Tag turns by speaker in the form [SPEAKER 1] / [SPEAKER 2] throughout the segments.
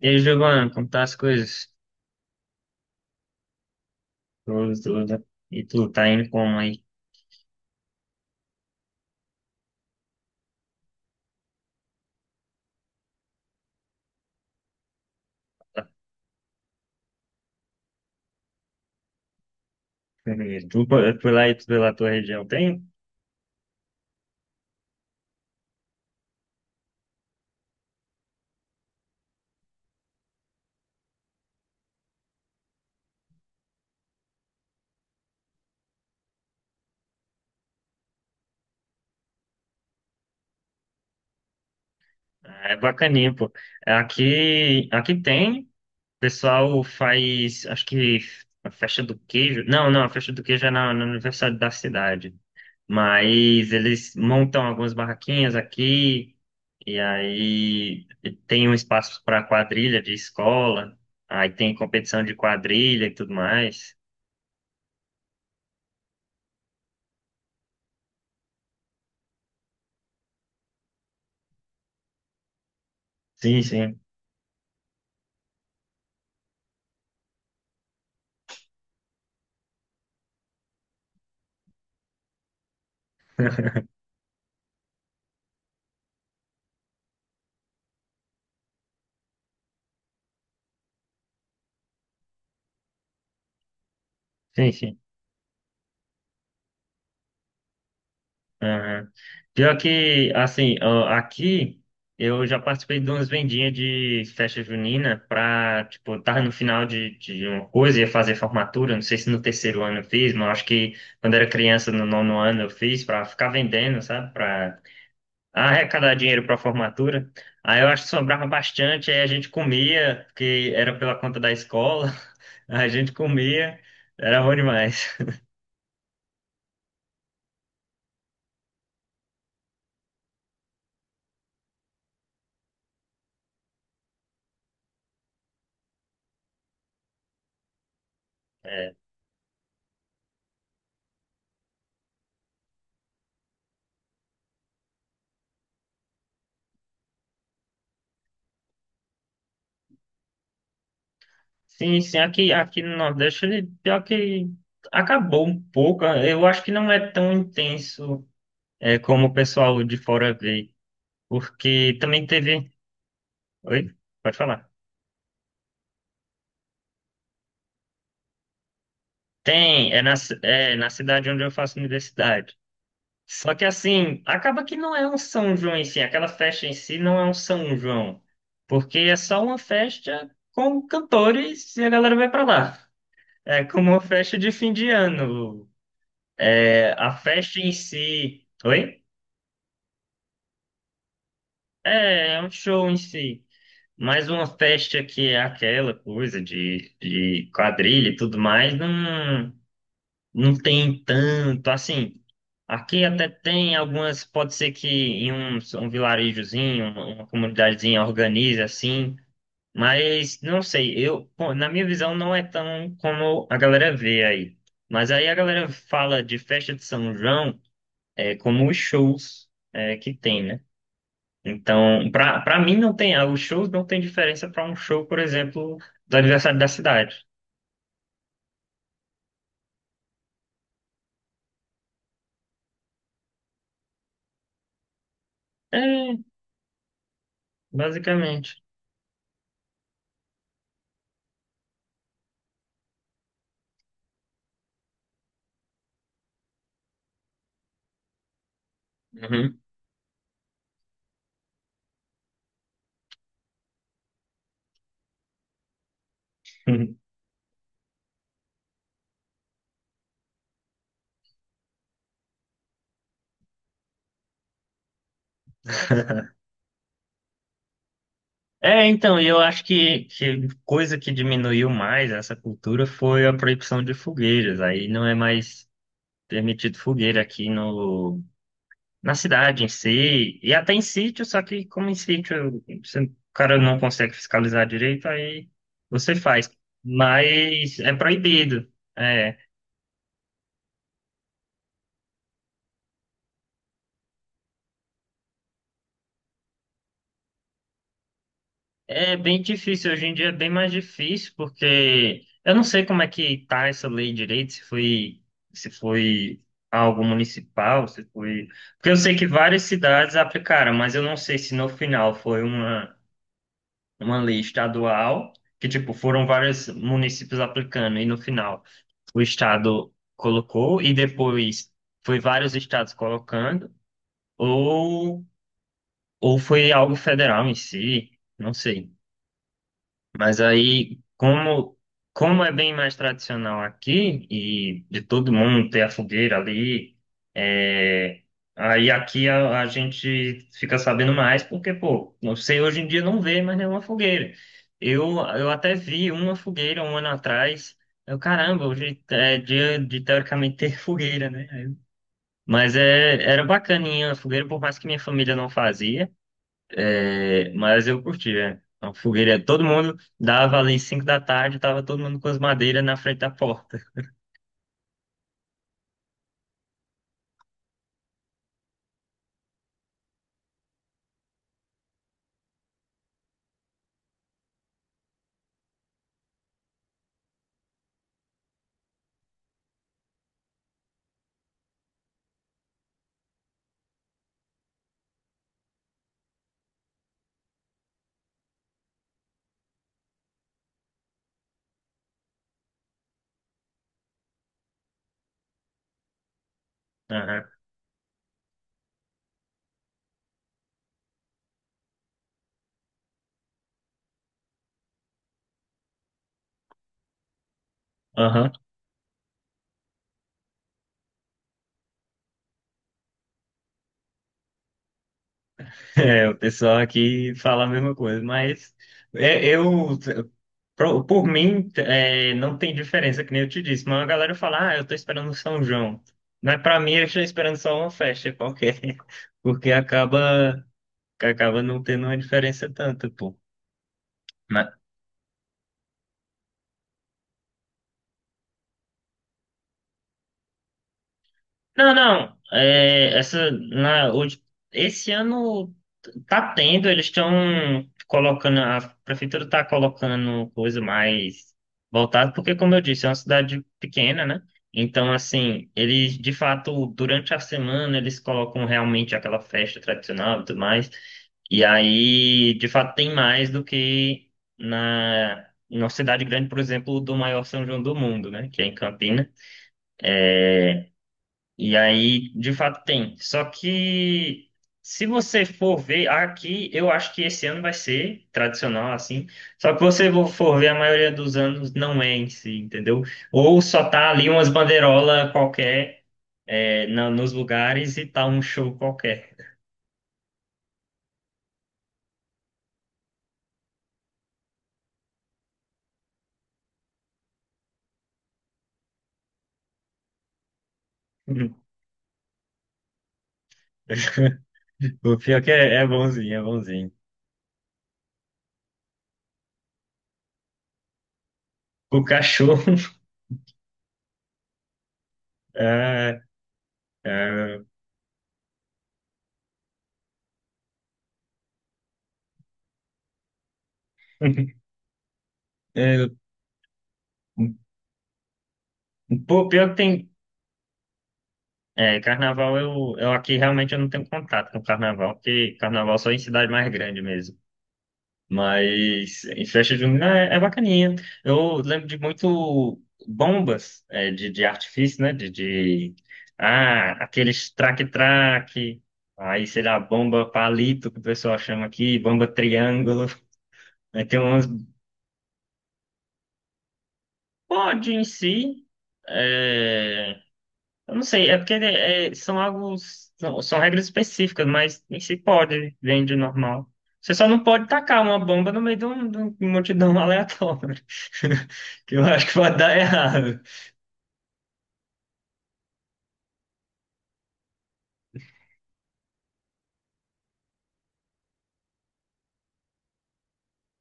[SPEAKER 1] E aí, Giovanni, como tá as coisas? Tudo, tudo. E tu tá indo como aí? Tu por lá e tu pela tua região tem? Ah, é bacaninha, pô. Aqui, aqui tem. O pessoal faz, acho que a festa do queijo. Não, não, a festa do queijo é na, no aniversário da cidade. Mas eles montam algumas barraquinhas aqui. E aí tem um espaço para quadrilha de escola. Aí tem competição de quadrilha e tudo mais. Sim, sim. Sim, sim. Aham. Pior que, assim, ó, aqui eu já participei de umas vendinhas de festa junina pra, tipo, eu tava no final de uma coisa, ia fazer formatura, não sei se no terceiro ano eu fiz, mas eu acho que quando era criança, no nono ano eu fiz, pra ficar vendendo, sabe? Pra arrecadar dinheiro pra formatura. Aí eu acho que sobrava bastante, aí a gente comia, porque era pela conta da escola, a gente comia, era bom demais. Sim, sim, aqui, aqui no Nordeste, ele, pior que acabou um pouco. Eu acho que não é tão intenso como o pessoal de fora vê, porque também teve. Oi? Pode falar. Tem, é na, ci- é na cidade onde eu faço universidade. Só que assim, acaba que não é um São João em si, aquela festa em si não é um São João, porque é só uma festa com cantores e a galera vai pra lá. É como uma festa de fim de ano. É, a festa em si. Oi? É, é um show em si. Mas uma festa que é aquela coisa de quadrilha e tudo mais, não, não tem tanto. Assim, aqui até tem algumas, pode ser que em um vilarejozinho, uma comunidadezinha organize assim, mas não sei, eu, pô, na minha visão, não é tão como a galera vê aí. Mas aí a galera fala de festa de São João. Como os shows que tem, né? Então, pra para mim não tem, ah, os shows não tem diferença para um show, por exemplo, do aniversário da cidade. É, basicamente. Uhum. É, então, e eu acho que coisa que diminuiu mais essa cultura foi a proibição de fogueiras. Aí não é mais permitido fogueira aqui no, na cidade em si, e até em sítio, só que como em sítio você- o cara não consegue fiscalizar direito, aí você faz. Mas é proibido. É, é bem difícil, hoje em dia é bem mais difícil, porque eu não sei como é que tá essa lei direito, se foi algo municipal, se foi. Porque eu sei que várias cidades aplicaram, mas eu não sei se no final foi uma lei estadual, que tipo, foram vários municípios aplicando, e no final. O estado colocou e depois foi vários estados colocando, ou, ou foi algo federal em si, não sei. Mas aí, como é bem mais tradicional aqui, e de todo mundo ter a fogueira ali, é, aí aqui a gente fica sabendo mais, porque, pô, não sei, hoje em dia não vê mais nenhuma fogueira. Eu até vi uma fogueira um ano atrás. Eu, caramba, hoje é dia de teoricamente ter fogueira, né? Mas é, era bacaninha a fogueira, por mais que minha família não fazia. É, mas eu curti, é. A fogueira, todo mundo dava ali 5 da tarde, tava todo mundo com as madeiras na frente da porta. Aham. Aham. É, o pessoal aqui fala a mesma coisa, mas é, eu, pro- por mim, é, não tem diferença, que nem eu te disse, mas a galera fala, ah, eu tô esperando o São João. Mas pra mim, eu estou esperando só uma festa qualquer, porque acaba não tendo uma diferença tanta, pô. Não, não. É, essa, na, hoje, esse ano tá tendo, eles estão colocando, a prefeitura está colocando coisa mais voltada, porque, como eu disse, é uma cidade pequena, né? Então, assim, eles, de fato, durante a semana, eles colocam realmente aquela festa tradicional e tudo mais. E aí, de fato, tem mais do que na, na cidade grande, por exemplo, do maior São João do mundo, né? Que é em Campinas. E aí, de fato, tem. Só que se você for ver aqui, eu acho que esse ano vai ser tradicional, assim. Só que você vo- for ver, a maioria dos anos não é em si, entendeu? Ou só tá ali umas bandeirolas qualquer, é, na- nos lugares e tá um show qualquer. O pior que é, é bonzinho, é bonzinho. O cachorro. É, é, é, pô, pior que tem. É, carnaval eu aqui realmente eu não tenho contato com carnaval, porque carnaval só em cidade mais grande mesmo. Mas em festa junina é, é bacaninha. Eu lembro de muito bombas é, de artifício, né? De ah, aqueles traque-traque, aí sei lá, bomba palito que o pessoal chama aqui, bomba triângulo. Aí tem umas pode em si. é, Eu não sei, é porque né, é, são algo, são regras específicas, mas nem se pode, vende normal. Você só não pode tacar uma bomba no meio um, de uma multidão aleatória, que eu acho que vai dar errado.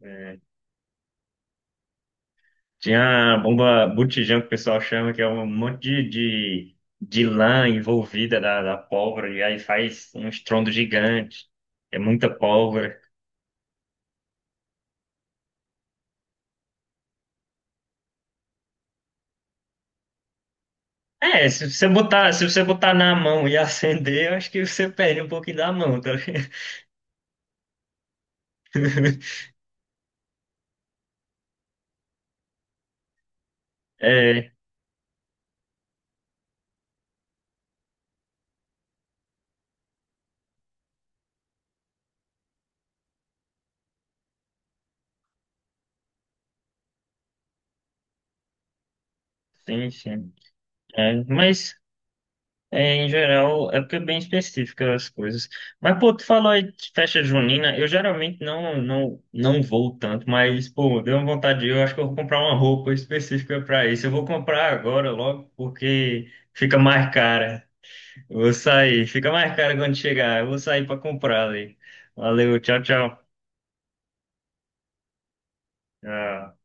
[SPEAKER 1] É, tinha a bomba botijão, que o pessoal chama, que é um monte de lã envolvida da pólvora, e aí faz um estrondo gigante, é muita pólvora. É, se você botar, se você botar na mão e acender, eu acho que você perde um pouquinho da mão, tá ligado? É, sim, sim. É, mas, é, em geral, é porque é bem específica as coisas. Mas, pô, tu falou aí de festa junina, eu geralmente não vou tanto, mas, pô, deu uma vontade, de ir, eu acho que eu vou comprar uma roupa específica pra isso. Eu vou comprar agora logo, porque fica mais cara. Eu vou sair, fica mais cara quando chegar. Eu vou sair pra comprar ali. Valeu, tchau, tchau. Tchau.